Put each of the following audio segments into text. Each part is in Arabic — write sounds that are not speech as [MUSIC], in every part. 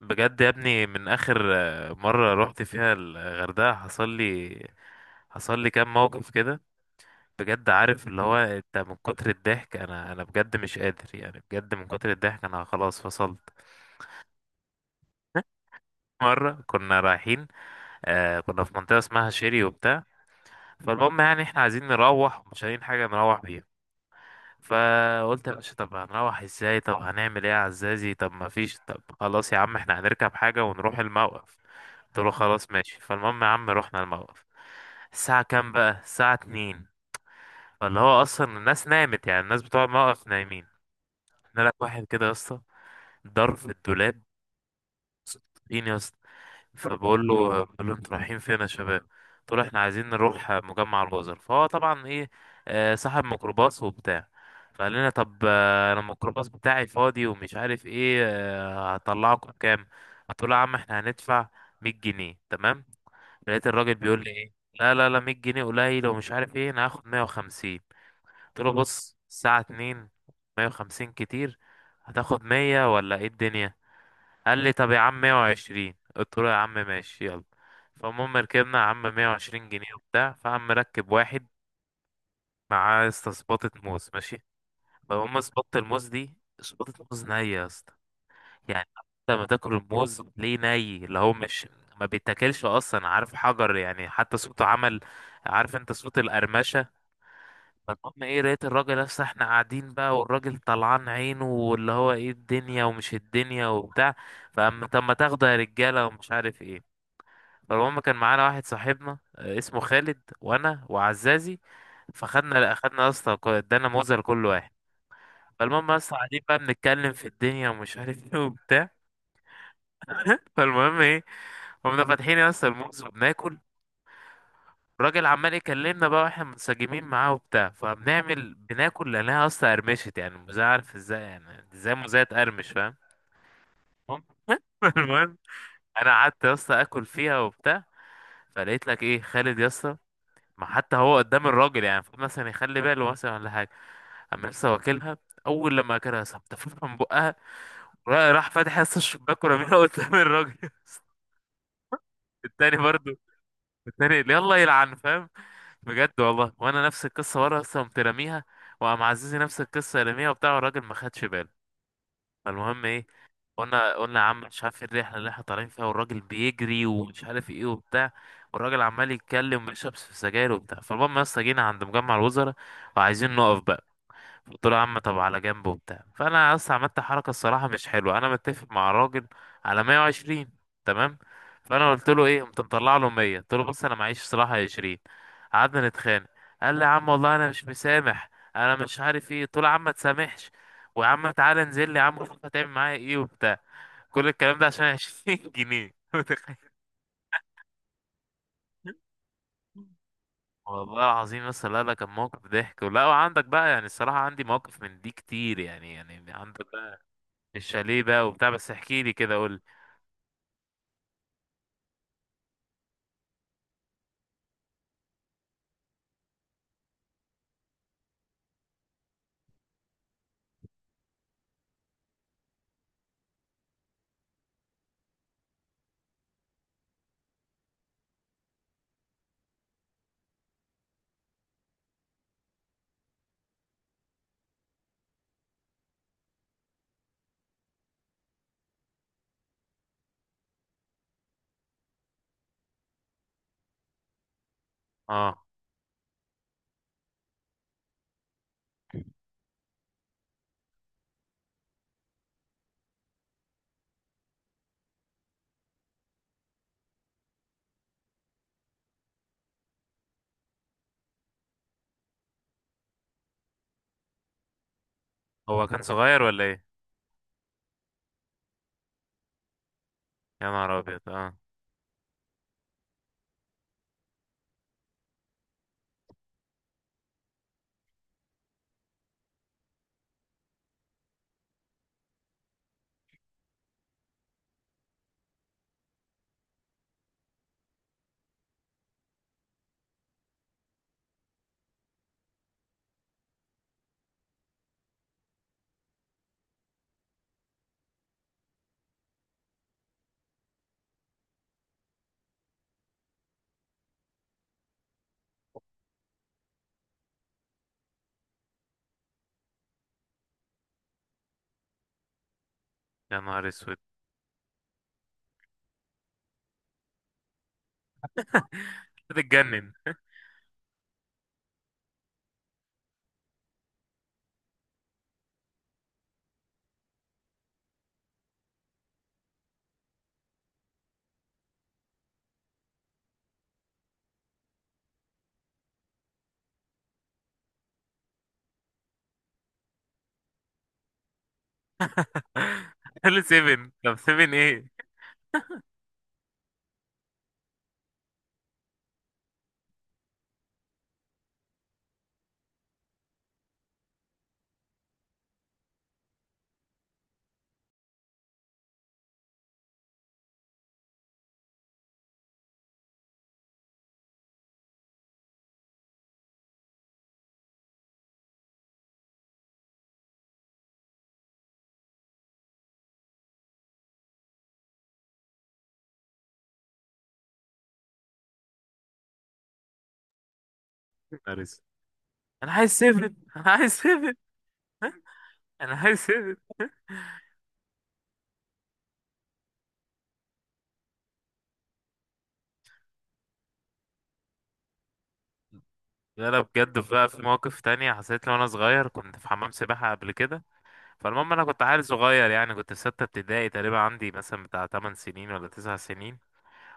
بجد يا ابني من اخر مرة رحت فيها الغردقة. حصل لي كام موقف كده. بجد عارف اللي هو انت من كتر الضحك انا بجد مش قادر، يعني بجد من كتر الضحك انا خلاص فصلت. [LAUGHS] مرة كنا رايحين، كنا في منطقة اسمها شيري وبتاع. فالمهم يعني احنا عايزين نروح ومش لاقيين حاجة نروح بيها. فقلت يا باشا طب هنروح ازاي؟ طب هنعمل ايه يا عزازي؟ طب ما فيش؟ طب خلاص يا عم احنا هنركب حاجة ونروح الموقف. قلت له خلاص ماشي. فالمهم يا عم رحنا الموقف. الساعة كام بقى؟ الساعة اتنين. فاللي هو اصلا الناس نامت، يعني الناس بتوع الموقف نايمين. انا لك واحد كده يا اسطى ضرب في الدولاب: فين يا اسطى؟ فبقول له انتوا رايحين فين يا شباب؟ قلت له احنا عايزين نروح مجمع الجزر، فهو طبعا ايه، صاحب ميكروباص وبتاع. فقال لنا طب انا الميكروباص بتاعي فاضي ومش عارف ايه، هطلعكم كام؟ قلت له يا عم احنا هندفع 100 جنيه تمام. لقيت الراجل بيقول لي ايه: لا لا لا 100 جنيه قليل ومش عارف ايه، انا هاخد 150. قلت له بص الساعة 2، 150 كتير. هتاخد 100 ولا ايه الدنيا؟ قال لي طب يا عم 120. قلت له يا عم ماشي يلا. فالمهم ركبنا يا عم 120 جنيه وبتاع. فقام مركب واحد معاه يا اسطى سباطة موز، ماشي. فهم سباطة الموز دي سباطة موز نية يا اسطى. يعني انت لما تاكل الموز ليه ني اللي هو مش ما بيتاكلش اصلا، عارف؟ حجر يعني، حتى صوته عمل، عارف انت، صوت القرمشة. فالمهم ايه، لقيت الراجل اصلا احنا قاعدين بقى والراجل طلعان عينه واللي هو ايه الدنيا ومش الدنيا وبتاع. فاما طب ما تاخده يا رجاله ومش عارف ايه. فالمهم كان معانا واحد صاحبنا اسمه خالد، وانا وعزازي. فخدنا يا اسطى ادانا موزه لكل واحد. فالمهم يا اسطى قاعدين بقى بنتكلم في الدنيا ومش عارف ايه وبتاع. فالمهم ايه، قمنا فاتحين يا اسطى الموز وبناكل. الراجل عمال يكلمنا بقى واحنا منسجمين معاه وبتاع، فبنعمل بناكل لانها يا اسطى قرمشت، يعني الموزه عارف ازاي، يعني ازاي موزه تقرمش؟ فاهم. [LAUGHS] المهم انا قعدت يا اسطى اكل فيها وبتاع. فلقيت لك ايه خالد يا اسطى، ما حتى هو قدام الراجل يعني المفروض مثلا يخلي باله مثلا ولا حاجه. اما لسه واكلها، اول لما اكلها صبت من بقها، راح فاتح لسه الشباك ورميها قدام الراجل. [LAUGHS] التاني برضو. التاني اللي يلا يلعن فاهم. بجد والله وانا نفس القصه ورا اصلا قمت راميها. وقام عزيزي نفس القصه راميها وبتاع، والراجل ما خدش باله. فالمهم ايه، قلنا يا عم مش عارف إيه الرحله اللي احنا طالعين فيها، والراجل بيجري ومش عارف ايه وبتاع. والراجل عمال يتكلم ويشرب في سجاير وبتاع. فالمهم يا اسطى جينا عند مجمع الوزراء وعايزين نقف بقى. قلت له يا عم طب على جنب وبتاع. فانا اصلا عملت حركه الصراحه مش حلوه، انا متفق مع الراجل على 120، تمام. فانا قلت له ايه، قمت مطلع له 100. قلت له بص انا معيش صراحه 20. قعدنا نتخانق. قال لي يا عم والله انا مش مسامح، انا مش عارف ايه. قلت له يا عم ما تسامحش، ويا عم تعالى انزل لي يا عم شوف هتعمل معايا ايه وبتاع. كل الكلام ده عشان 20 جنيه، [LAUGHS] متخيل؟ والله العظيم. بس لا لا كان موقف ضحك، ولا وعندك بقى؟ يعني الصراحة عندي مواقف من دي كتير، يعني عندك الشاليه بقى وبتاع. بس احكي لي كده، قول. اه، هو كان [LAUGHS] صغير ولا ايه؟ يا نهار ابيض اه. يا نهار اسود بتتجنن. [LAUGHS] قال 7. طب 7 ايه؟ يا نهار اسود انا عايز 7. [LAUGHS] انا عايز 7. انا عايز 7. لا لا بجد بقى، في مواقف تانية حصلت لي وانا صغير. كنت في حمام سباحة قبل كده. فالمهم انا كنت عيل صغير، يعني كنت في ستة ابتدائي تقريبا، عندي مثلا بتاع 8 سنين ولا 9 سنين.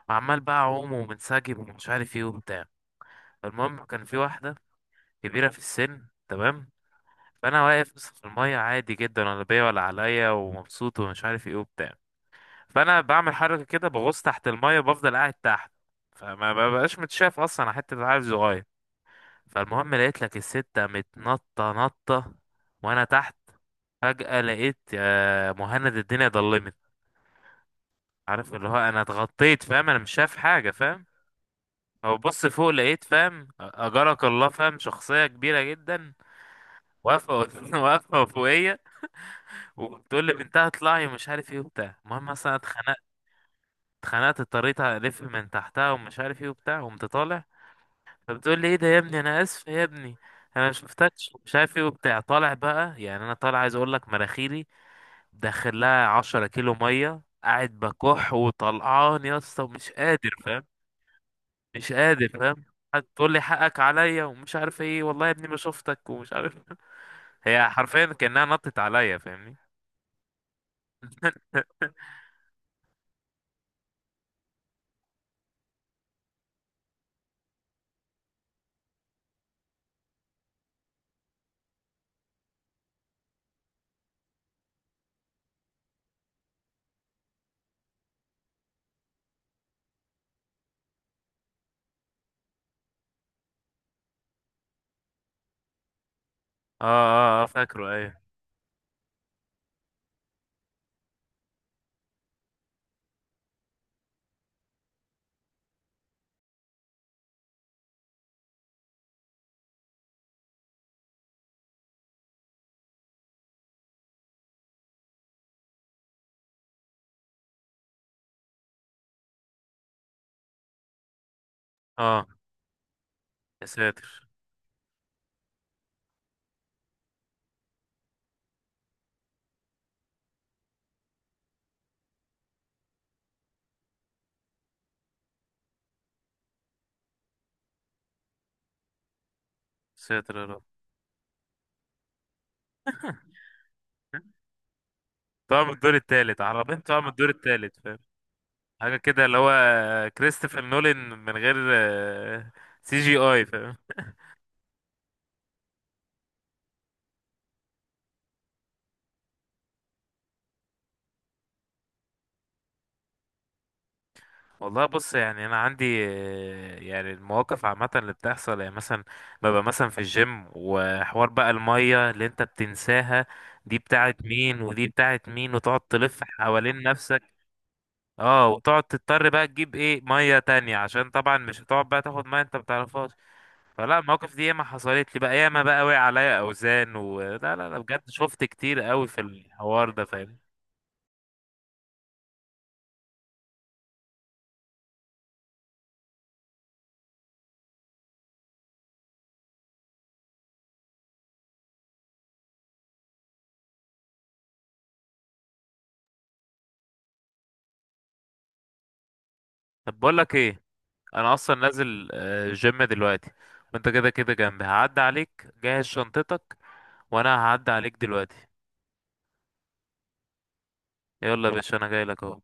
وعمال بقى اعوم ومنسجم ومش عارف ايه وبتاع. المهم كان في واحدة كبيرة في السن، تمام. فانا واقف بس في الميه عادي جدا ولا بيا ولا عليا ومبسوط ومش عارف ايه وبتاع. فانا بعمل حركه كده بغوص تحت الميه وبفضل قاعد تحت. فما ببقاش متشاف اصلا، حتى عارف صغير. فالمهم لقيت لك الستة متنطة نطة وانا تحت. فجأة لقيت يا مهند الدنيا ضلمت. عارف اللي هو انا اتغطيت فاهم، انا مش شايف حاجة فاهم. او بص فوق لقيت فاهم اجرك الله فاهم، شخصية كبيرة جدا واقفة [LAUGHS] واقفة فوقيا. وتقول لي بنتها اطلعي ومش عارف ايه وبتاع. المهم اصلا اتخنقت. اتخنقت، اضطريت الف من تحتها ومش عارف ايه وبتاع، قمت طالع. فبتقول لي ايه ده يا ابني، انا اسف يا ابني، انا ما شفتكش مش عارف ايه وبتاع. طالع بقى، يعني انا طالع عايز اقول لك مراخيري، داخل لها 10 كيلو ميه، قاعد بكح وطلعان يا اسطى ومش قادر فاهم. مش قادر فاهم. تقول لي حقك عليا ومش عارف ايه، والله يا ابني ما شفتك ومش عارف. [LAUGHS] هي حرفيا كانها نطت عليا فاهمني. اه اه اه فاكره ايوه. اه يا ساتر. ساتر يا رب. طبعا من الدور التالت عربين. طبعا من الدور التالت فاهم. حاجة كده اللي هو كريستوفر نولان من غير سي جي اي فاهم. والله بص يعني انا عندي يعني المواقف عامه اللي بتحصل، يعني مثلا ببقى مثلا في الجيم، وحوار بقى الميه اللي انت بتنساها دي بتاعت مين ودي بتاعت مين، وتقعد تلف حوالين نفسك. اه، وتقعد تضطر بقى تجيب ايه ميه تانية، عشان طبعا مش هتقعد بقى تاخد ميه انت بتعرفهاش. فلا المواقف دي ياما حصلت لي بقى، ياما بقى وقع عليا اوزان، و لا لا لا بجد، شفت كتير قوي في الحوار ده فاهم. طب بقول لك ايه، انا اصلا نازل جيم دلوقتي، وانت كده كده جنبي، هعدي عليك جهز شنطتك وانا هعدي عليك دلوقتي. يلا يا باشا، انا جاي لك اهو.